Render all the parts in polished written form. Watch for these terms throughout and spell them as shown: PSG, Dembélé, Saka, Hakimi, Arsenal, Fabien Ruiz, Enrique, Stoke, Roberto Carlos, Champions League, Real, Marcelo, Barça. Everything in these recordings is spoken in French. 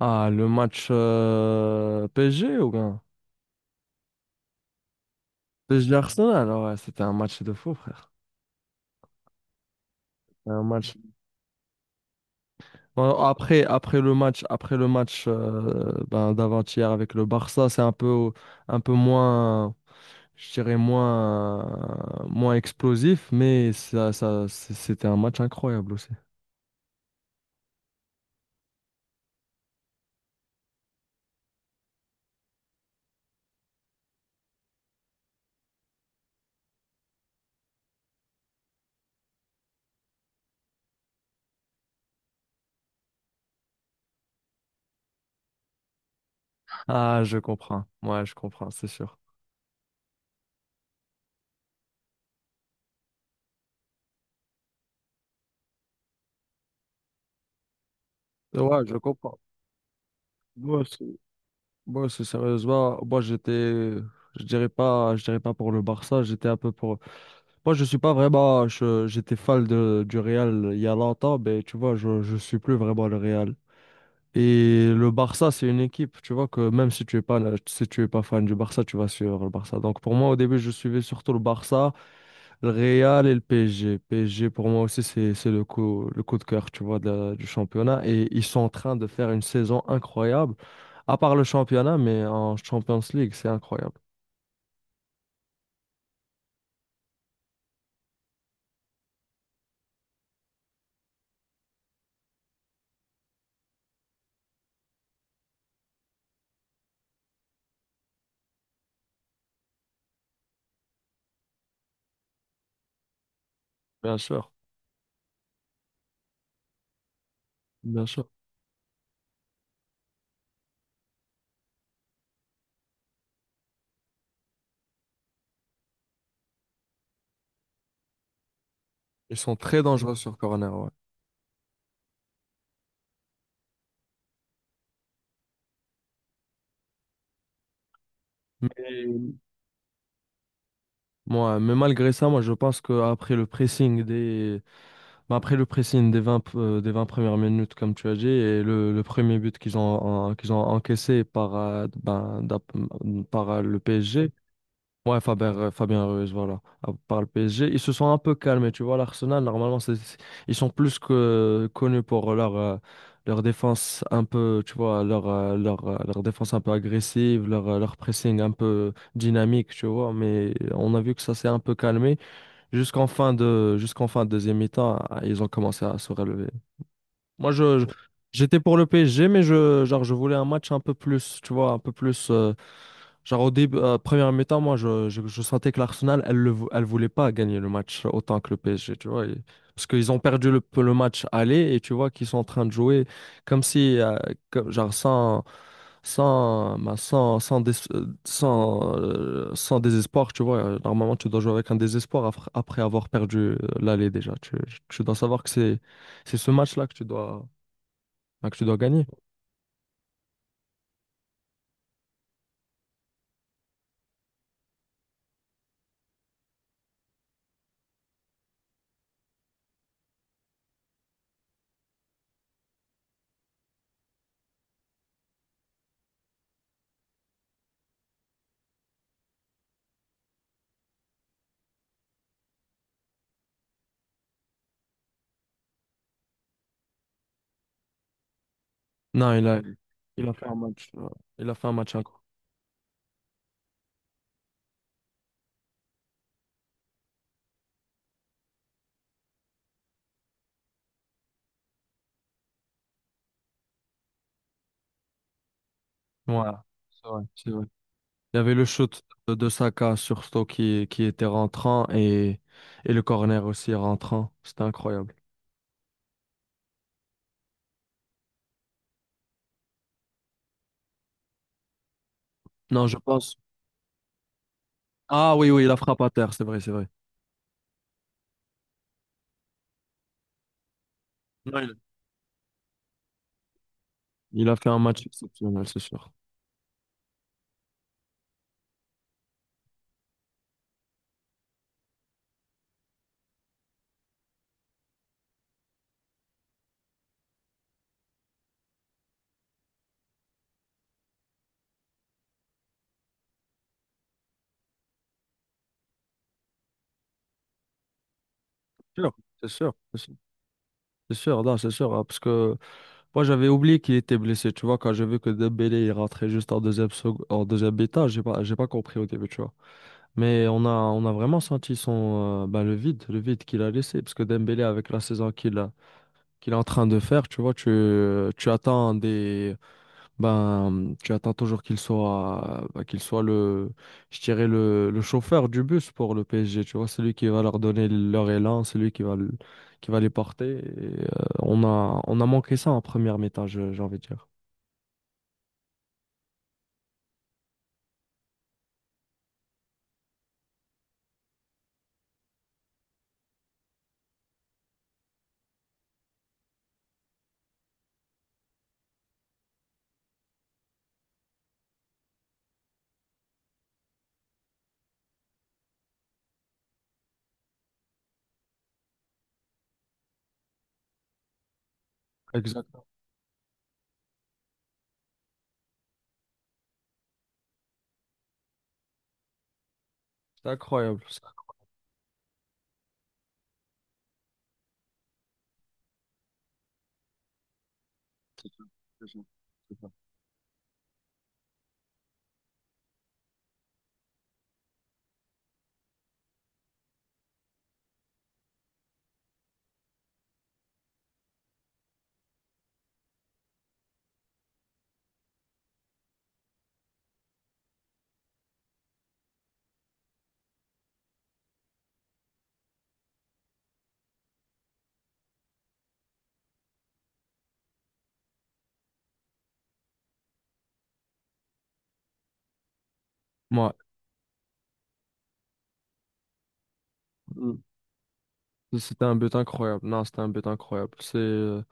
Ah, le match PSG ou bien? PSG Arsenal, ah ouais, c'était un match de fou, frère. Un match. Bon, après, après le match ben, d'avant-hier avec le Barça, c'est un peu moins, je dirais moins explosif, mais ça, c'était un match incroyable aussi. Ah, je comprends. Ouais, je comprends, c'est sûr. Ouais, je comprends. Moi aussi. Moi aussi, sérieusement, moi j'étais, je dirais pas pour le Barça, j'étais un peu pour. Moi, je suis pas vraiment. J'étais fan du Real il y a longtemps, mais tu vois, je suis plus vraiment le Real. Et le Barça, c'est une équipe, tu vois, que même si tu es pas fan du Barça, tu vas suivre le Barça. Donc pour moi, au début, je suivais surtout le Barça, le Real et le PSG. PSG, pour moi aussi, c'est le coup de cœur, tu vois, du championnat. Et ils sont en train de faire une saison incroyable, à part le championnat, mais en Champions League, c'est incroyable. Bien sûr, bien sûr. Ils sont très dangereux sur corner, ouais. Moi, mais malgré ça, moi je pense qu'après le pressing des bah, après le pressing des vingt premières minutes, comme tu as dit, et le premier but qu'ils ont encaissé par le PSG. Ouais, Fabien Ruiz, voilà, à part le PSG. Ils se sont un peu calmés, tu vois. L'Arsenal, normalement, ils sont plus que connus pour leur défense un peu, tu vois, leur défense un peu agressive, leur pressing un peu dynamique, tu vois. Mais on a vu que ça s'est un peu calmé. Jusqu'en fin de deuxième mi-temps, ils ont commencé à se relever. Moi, j'étais pour le PSG, mais je, genre, je voulais un match un peu plus, tu vois, un peu plus, genre, au début, première mi-temps, moi, je sentais que l'Arsenal, elle voulait pas gagner le match autant que le PSG, tu vois. Et parce qu'ils ont perdu le match aller et tu vois qu'ils sont en train de jouer comme si, comme- genre, sans désespoir, tu vois. Normalement, tu dois jouer avec un désespoir après avoir perdu l'aller déjà. Tu dois savoir que c'est. C'est ce match-là que tu dois, donc, tu dois gagner. Non, il a fait un match. Il a fait un match incroyable. Voilà, c'est vrai, c'est vrai. Il y avait le shoot de Saka sur Stoke qui était rentrant et le corner aussi rentrant. C'était incroyable. Non, je pense. Ah oui, oui, il a frappé à terre, c'est vrai, c'est vrai. Non, il a fait un match exceptionnel, c'est sûr. Sûr. C'est sûr, c'est sûr. C'est sûr, non, c'est sûr, hein, parce que moi j'avais oublié qu'il était blessé, tu vois, quand j'ai vu que Dembélé il rentrait juste en deuxième mi-temps, j'ai pas compris au début, tu vois. Mais on a vraiment senti le vide qu'il a laissé. Parce que Dembélé, avec la saison qu'il a, qu'il est en train de faire, tu vois, tu attends toujours qu'il soit je dirais le chauffeur du bus pour le PSG, tu vois, celui qui va leur donner leur élan, celui qui va les porter. Et, on a manqué ça en première mi-temps, j'ai envie de dire. Exact. C'était incroyable, ça. Ouais. Mm. C'était un but incroyable. Non, c'était un but incroyable. C'est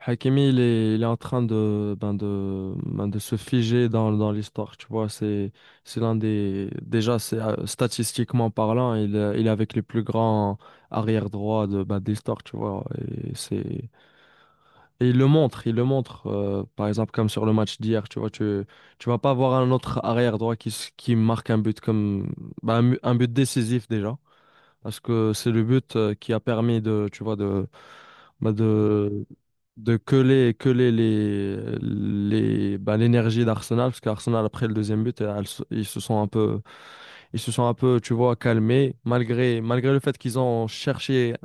Hakimi, il est en train de se figer dans l'histoire, tu vois. C'est l'un des, déjà, c'est, statistiquement parlant, il est avec les plus grands arrière-droits d'histoire, tu vois. Et c'est, et il le montre, par exemple, comme sur le match d'hier, tu vois. Tu vas pas voir un autre arrière-droit qui marque un but comme un but décisif déjà. Parce que c'est le but qui a permis tu vois, bah, de, de coller l'énergie d'Arsenal. Parce qu'Arsenal, après le deuxième but, ils se sont un peu, tu vois, calmés. Malgré le fait qu'ils ont cherché,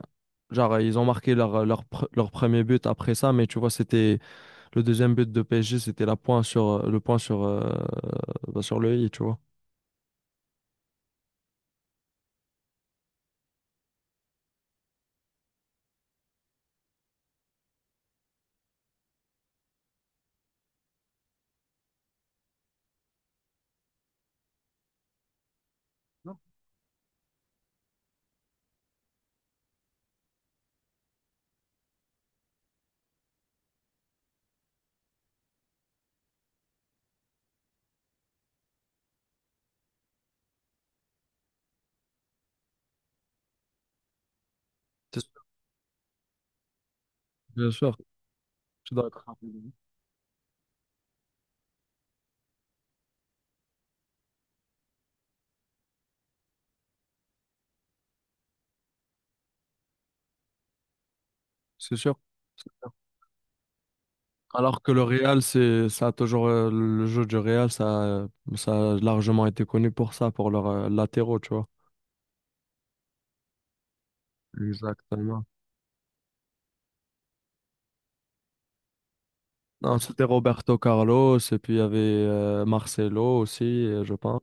genre, ils ont marqué leur premier but après ça. Mais tu vois, c'était le deuxième but de PSG, c'était le point sur le i, tu vois. Non, c'est sûr. Bien sûr, je suis d'accord. C'est sûr. Alors que le Real, c'est, ça a toujours, le jeu du Real, ça a largement été connu pour ça, pour leurs latéraux, tu vois. Exactement. Non, c'était Roberto Carlos, et puis il y avait Marcelo aussi, je pense.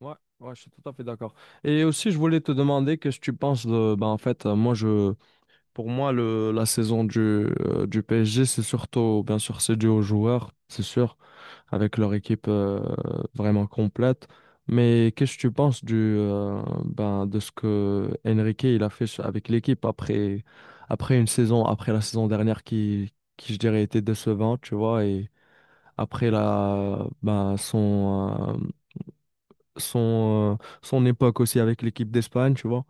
Ouais, ouais, je suis tout à fait d'accord. Et aussi, je voulais te demander qu'est-ce que tu penses de, ben, en fait, moi, je, Pour moi, la saison du PSG, c'est surtout, bien sûr, c'est dû aux joueurs, c'est sûr, avec leur équipe vraiment complète. Mais qu'est-ce que tu penses de ce que Enrique il a fait avec l'équipe après, après la saison dernière qui je dirais, était décevante, tu vois, et après son époque aussi avec l'équipe d'Espagne, tu vois.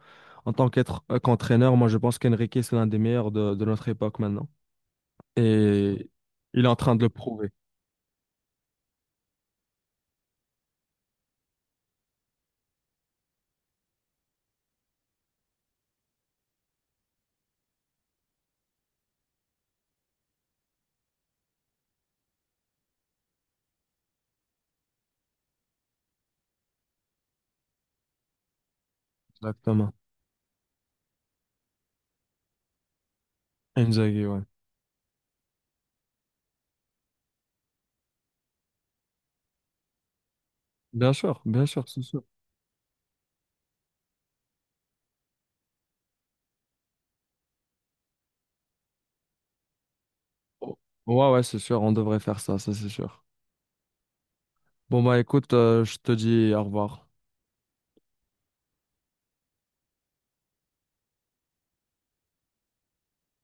En tant qu'entraîneur, moi je pense qu'Enrique, c'est l'un des meilleurs de notre époque maintenant. Et il est en train de le prouver. Exactement. Inzaghi, ouais. Bien sûr, c'est sûr. Oh. Ouais, ouais, c'est sûr, on devrait faire ça, ça c'est sûr. Bon, bah écoute, je te dis au revoir.